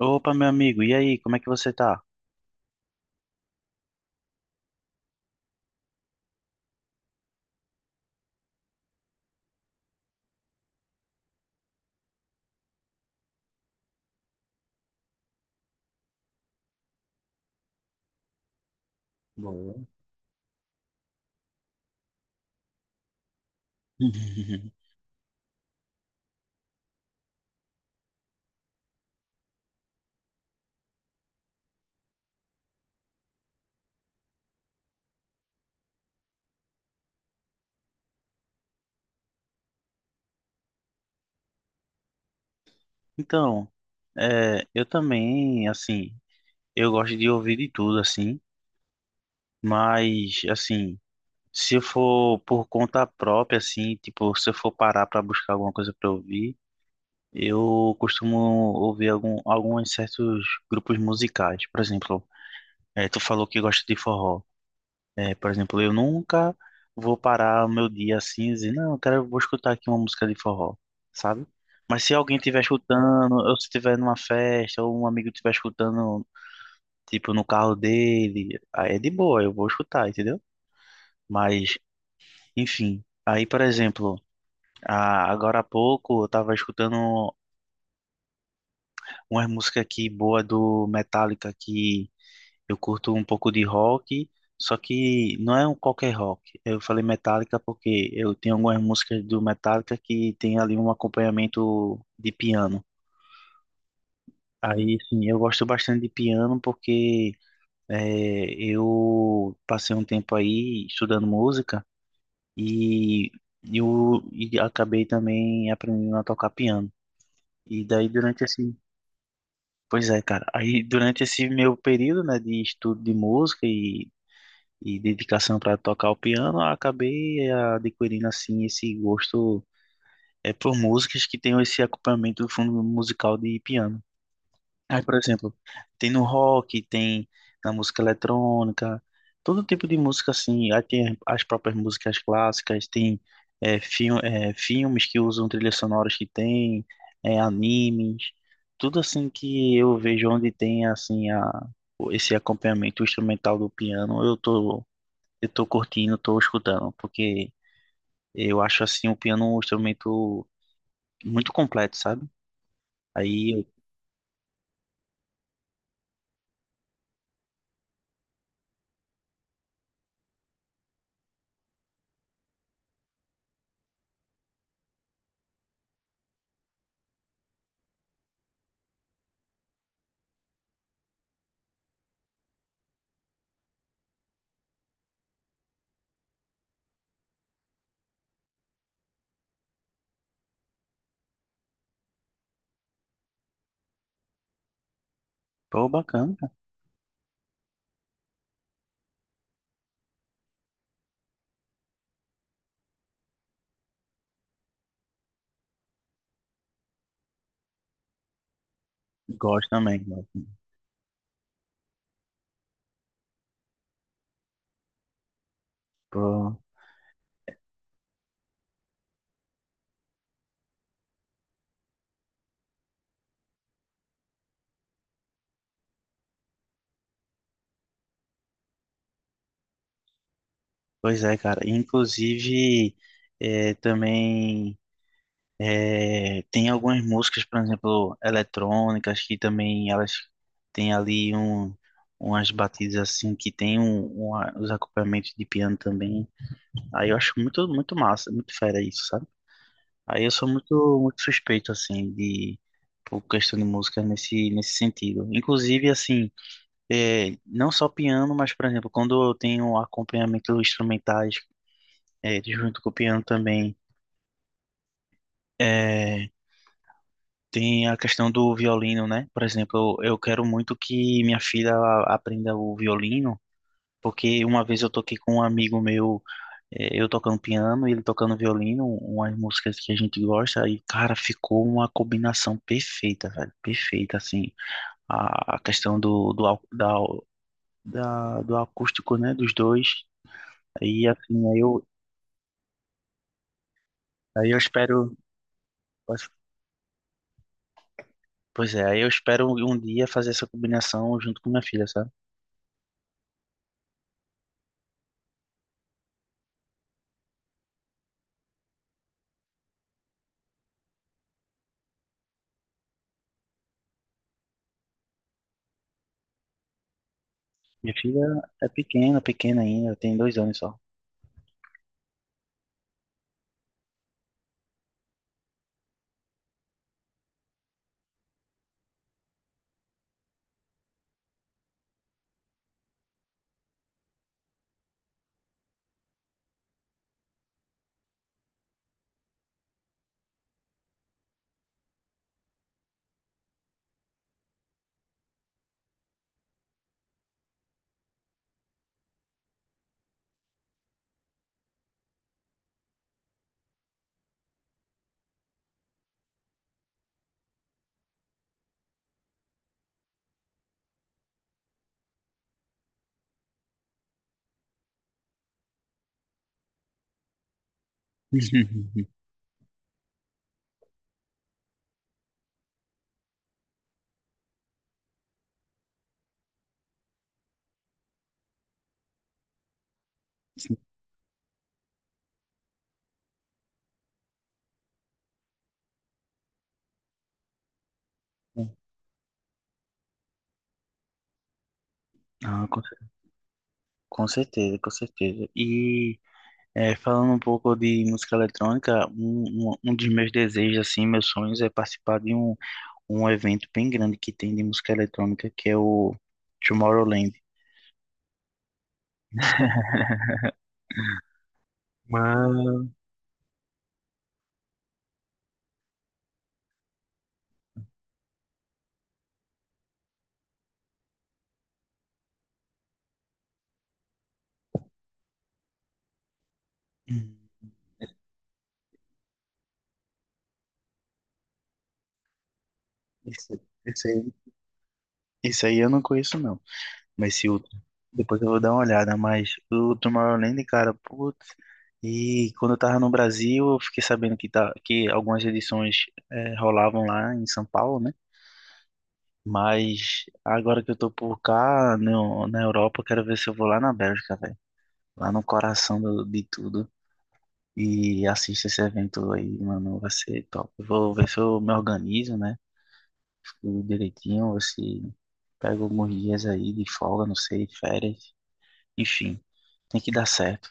Opa, meu amigo, e aí, como é que você tá? Então, eu também, assim, eu gosto de ouvir de tudo, assim, mas, assim, se eu for por conta própria, assim, tipo, se eu for parar pra buscar alguma coisa pra ouvir, eu costumo ouvir alguns certos grupos musicais. Por exemplo, tu falou que gosta de forró. É, por exemplo, eu nunca vou parar o meu dia assim e dizer, não, vou escutar aqui uma música de forró, sabe? Mas se alguém estiver escutando, ou se estiver numa festa, ou um amigo estiver escutando, tipo, no carro dele, aí é de boa, eu vou escutar, entendeu? Mas, enfim. Aí, por exemplo, agora há pouco eu tava escutando umas músicas aqui boa do Metallica que eu curto um pouco de rock, só que não é um qualquer rock. Eu falei Metallica porque eu tenho algumas músicas do Metallica que tem ali um acompanhamento de piano. Aí, sim, eu gosto bastante de piano porque eu passei um tempo aí estudando música e eu e acabei também aprendendo a tocar piano. E daí durante pois é, cara, aí durante esse meu período, né, de estudo de música e dedicação para tocar o piano, eu acabei adquirindo assim esse gosto é por músicas que tenham esse acompanhamento do fundo musical de piano. Aí, por exemplo, tem no rock, tem na música eletrônica, todo tipo de música assim. Aí tem as próprias músicas clássicas, tem filmes que usam trilhas sonoras que tem, é, animes, tudo assim que eu vejo onde tem assim a esse acompanhamento instrumental do piano, eu tô curtindo, tô escutando, porque eu acho assim o piano um instrumento muito completo, sabe? Aí eu, pô, bacana, cara. Gosto também. Gosto. Pô, pois é, cara. Inclusive, é, também tem algumas músicas, por exemplo, eletrônicas, que também elas têm ali umas batidas assim que tem os acompanhamentos de piano também. Aí eu acho muito, muito massa, muito fera isso, sabe? Aí eu sou muito, muito suspeito, assim, de por questão de música nesse, nesse sentido. Inclusive, assim, é, não só piano, mas, por exemplo, quando eu tenho acompanhamento instrumentais, é, junto com o piano também, é, tem a questão do violino, né? Por exemplo, eu quero muito que minha filha ela aprenda o violino, porque uma vez eu toquei com um amigo meu eu tocando piano e ele tocando violino, umas músicas que a gente gosta, e, cara, ficou uma combinação perfeita, velho, perfeita, assim, a questão do, do, au- da, da- do acústico, né, dos dois, aí, assim, aí eu espero, pois pois é, aí eu espero um dia fazer essa combinação junto com minha filha, sabe? Minha filha é pequena, pequena ainda, tem dois anos só. Sim. Ah, com certeza, com certeza. E é, falando um pouco de música eletrônica, um dos meus desejos, assim, meus sonhos é participar de um, um evento bem grande que tem de música eletrônica, que é o Tomorrowland. Mas hum, isso, isso aí, isso aí eu não conheço, não. Mas se o, Depois eu vou dar uma olhada. Mas o Tomorrowland, cara, putz. E quando eu tava no Brasil, eu fiquei sabendo que, tá, que algumas edições rolavam lá em São Paulo, né? Mas agora que eu tô por cá, na Europa, eu quero ver se eu vou lá na Bélgica, velho. Lá no coração de tudo. E assisto esse evento aí, mano. Vai ser top. Eu vou ver se eu me organizo, né? Tudo direitinho, ver se pego alguns dias aí de folga, não sei, férias. Enfim, tem que dar certo.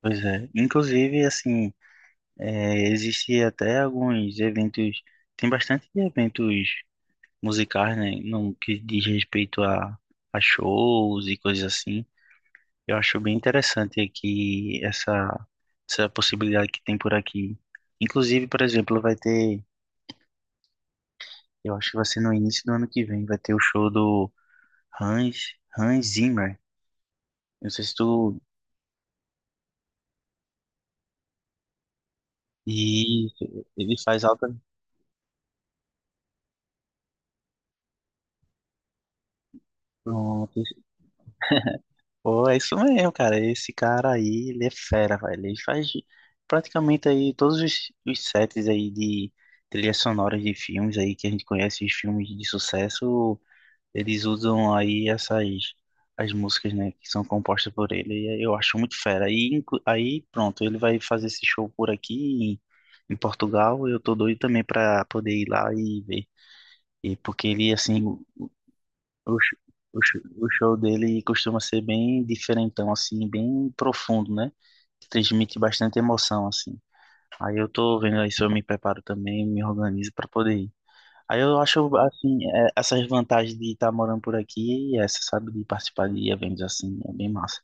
Pois é. Inclusive, assim, é, existe até alguns eventos. Tem bastante eventos musicais, né? No que diz respeito a shows e coisas assim. Eu acho bem interessante aqui essa, essa possibilidade que tem por aqui. Inclusive, por exemplo, vai ter, eu acho que vai ser no início do ano que vem, vai ter o show do Hans Zimmer. Não sei se tu. E ele faz alta. Pronto, pô, é isso mesmo, cara. Esse cara aí, ele é fera, velho. Ele faz praticamente aí todos os sets aí de trilhas sonoras de filmes aí que a gente conhece, os filmes de sucesso, eles usam aí essas as músicas, né, que são compostas por ele. E eu acho muito fera. E aí, pronto, ele vai fazer esse show por aqui em, em Portugal. Eu tô doido também pra poder ir lá e ver. E porque ele, assim, o, sh- o show dele costuma ser bem diferentão, assim, bem profundo, né? Transmite bastante emoção, assim. Aí eu tô vendo aí se eu me preparo também, me organizo pra poder ir. Aí eu acho, assim, é, essas vantagens de estar morando por aqui e essa, sabe, de participar de eventos assim, é bem massa.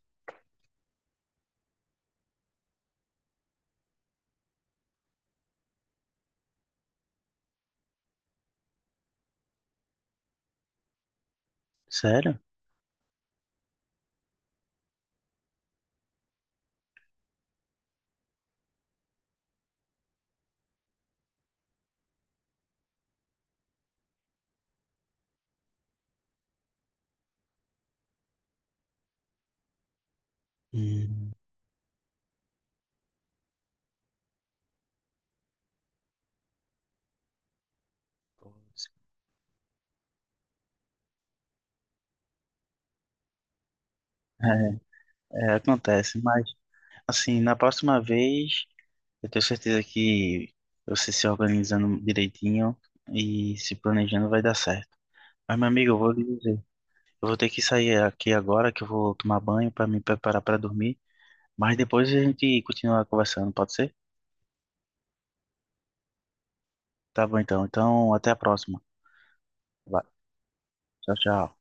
Sério? Hum. É, é, acontece, mas, assim, na próxima vez, eu tenho certeza que você se organizando direitinho e se planejando vai dar certo. Mas, meu amigo, eu vou lhe dizer. Eu vou ter que sair aqui agora, que eu vou tomar banho para me preparar para dormir. Mas depois a gente continua conversando, pode ser? Tá bom, então. Então, até a próxima. Vai. Tchau, tchau.